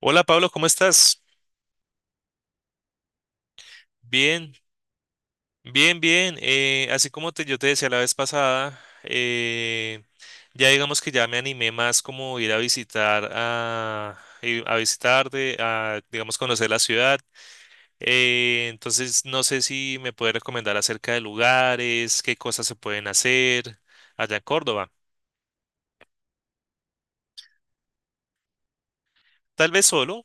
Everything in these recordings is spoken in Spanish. Hola Pablo, ¿cómo estás? Bien, bien, bien. Así como te, yo te decía la vez pasada, ya digamos que ya me animé más como ir a visitar a, ir a visitarte, a digamos conocer la ciudad. Entonces no sé si me puedes recomendar acerca de lugares, qué cosas se pueden hacer allá en Córdoba. Tal vez solo.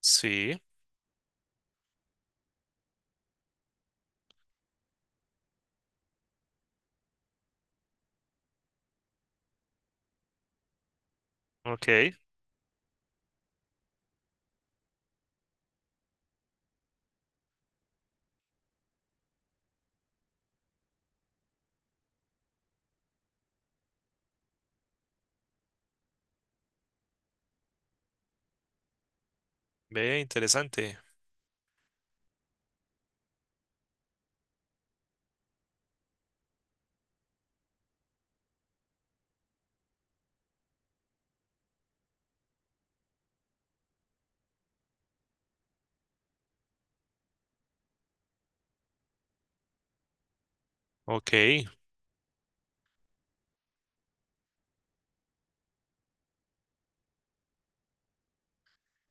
Sí, ok, ve, interesante. Ok.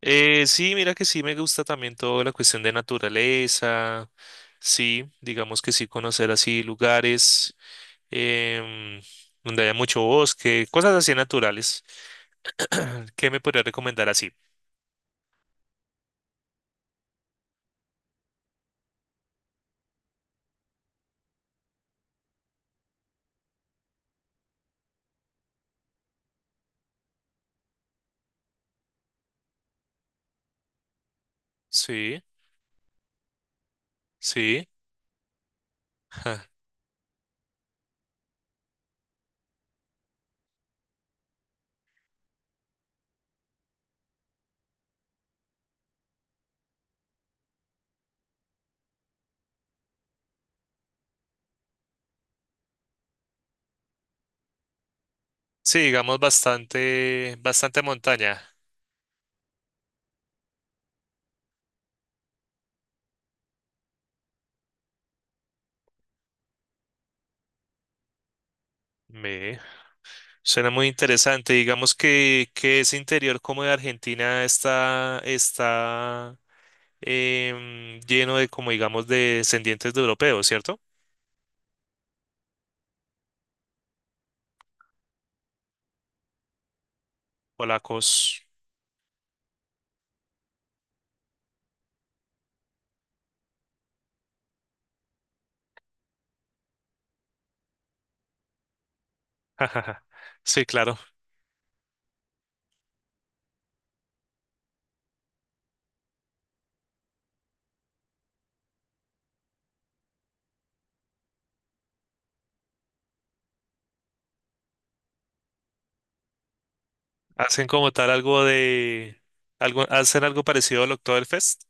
Sí, mira que sí me gusta también toda la cuestión de naturaleza, sí, digamos que sí conocer así lugares em, donde haya mucho bosque, cosas así naturales. ¿Qué me podría recomendar así? Sí, sí, ja. Sí, digamos bastante, bastante montaña. Me suena muy interesante. Digamos que ese interior como de Argentina está, está lleno de como digamos de descendientes de europeos, ¿cierto? Polacos. Sí, claro. Hacen como tal algo de... Algo, hacen algo parecido al Oktoberfest.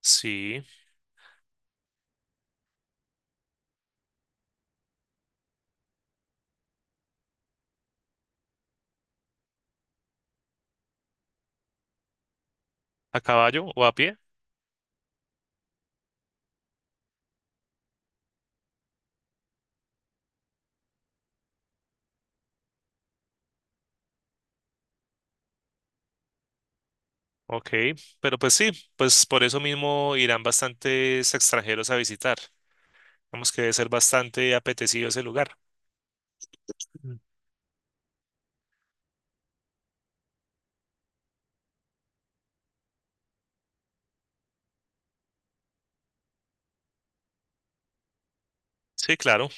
Sí, a caballo o a pie. Ok, pero pues sí, pues por eso mismo irán bastantes extranjeros a visitar. Vamos que debe ser bastante apetecido ese lugar. Mm. Sí, claro,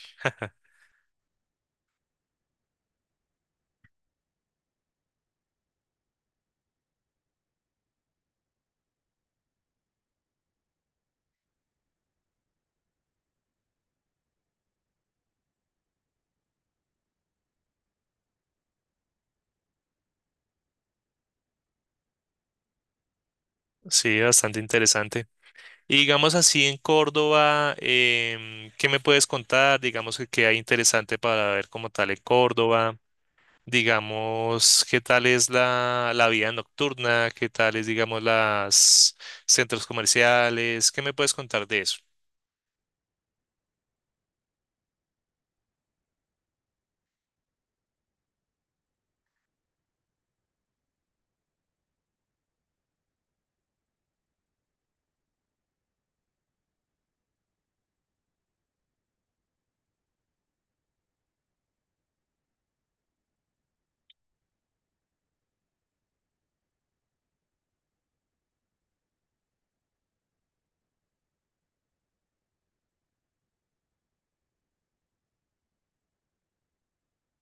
sí, bastante interesante. Y digamos así en Córdoba, ¿qué me puedes contar? Digamos que qué hay interesante para ver como tal en Córdoba. Digamos, qué tal es la, la vida nocturna, qué tal es, digamos, las centros comerciales, ¿qué me puedes contar de eso?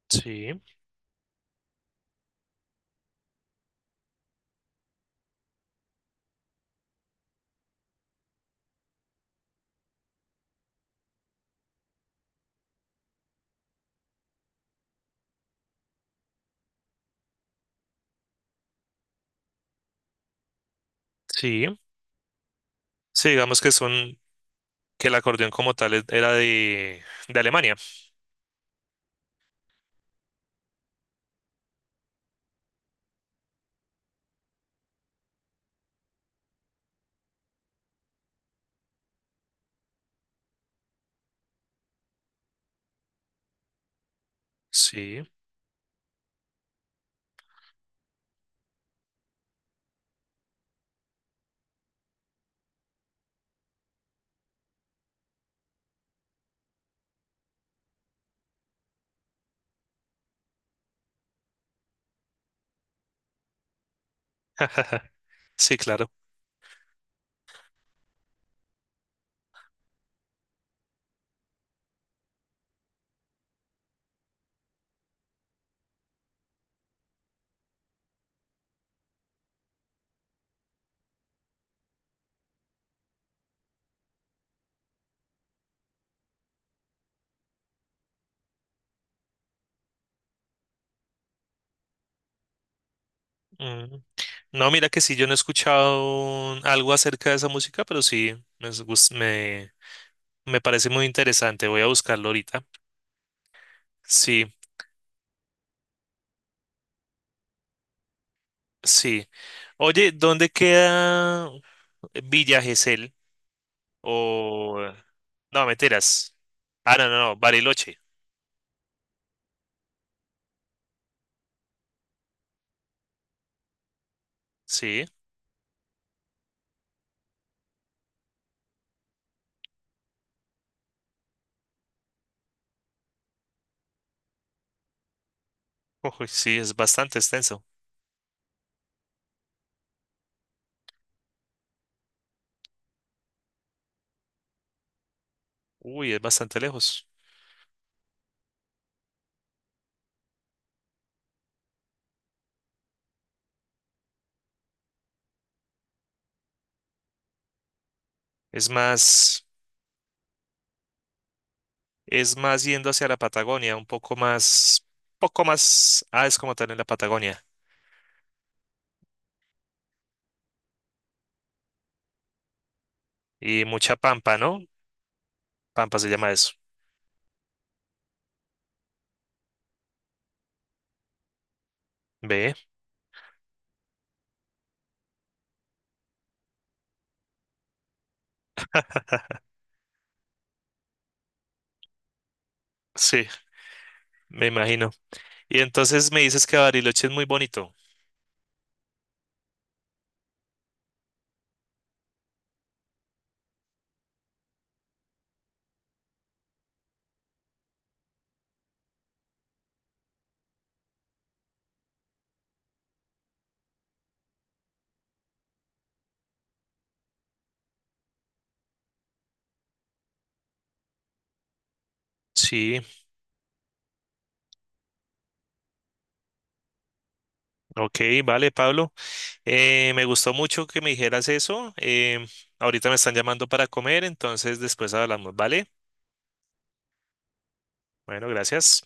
Sí, sí, sí, digamos que son, que el acordeón como tal era de Alemania. Sí, sí, claro. Mm. No, mira que sí, yo no he escuchado algo acerca de esa música, pero sí, me me parece muy interesante, voy a buscarlo ahorita. Sí, sí. Oye, ¿dónde queda Villa Gesell? O... eh, No, mentiras. Ah, no, no, no, Bariloche. Sí. Uy, sí, es bastante extenso. Uy, es bastante lejos. Es más, es más yendo hacia la Patagonia, un poco más, ah, es como tal en la Patagonia. Y mucha pampa, ¿no? Pampa se llama eso. Ve, sí, me imagino. Y entonces me dices que Bariloche es muy bonito. Sí, ok, vale, Pablo. Me gustó mucho que me dijeras eso. Ahorita me están llamando para comer, entonces después hablamos, ¿vale? Bueno, gracias.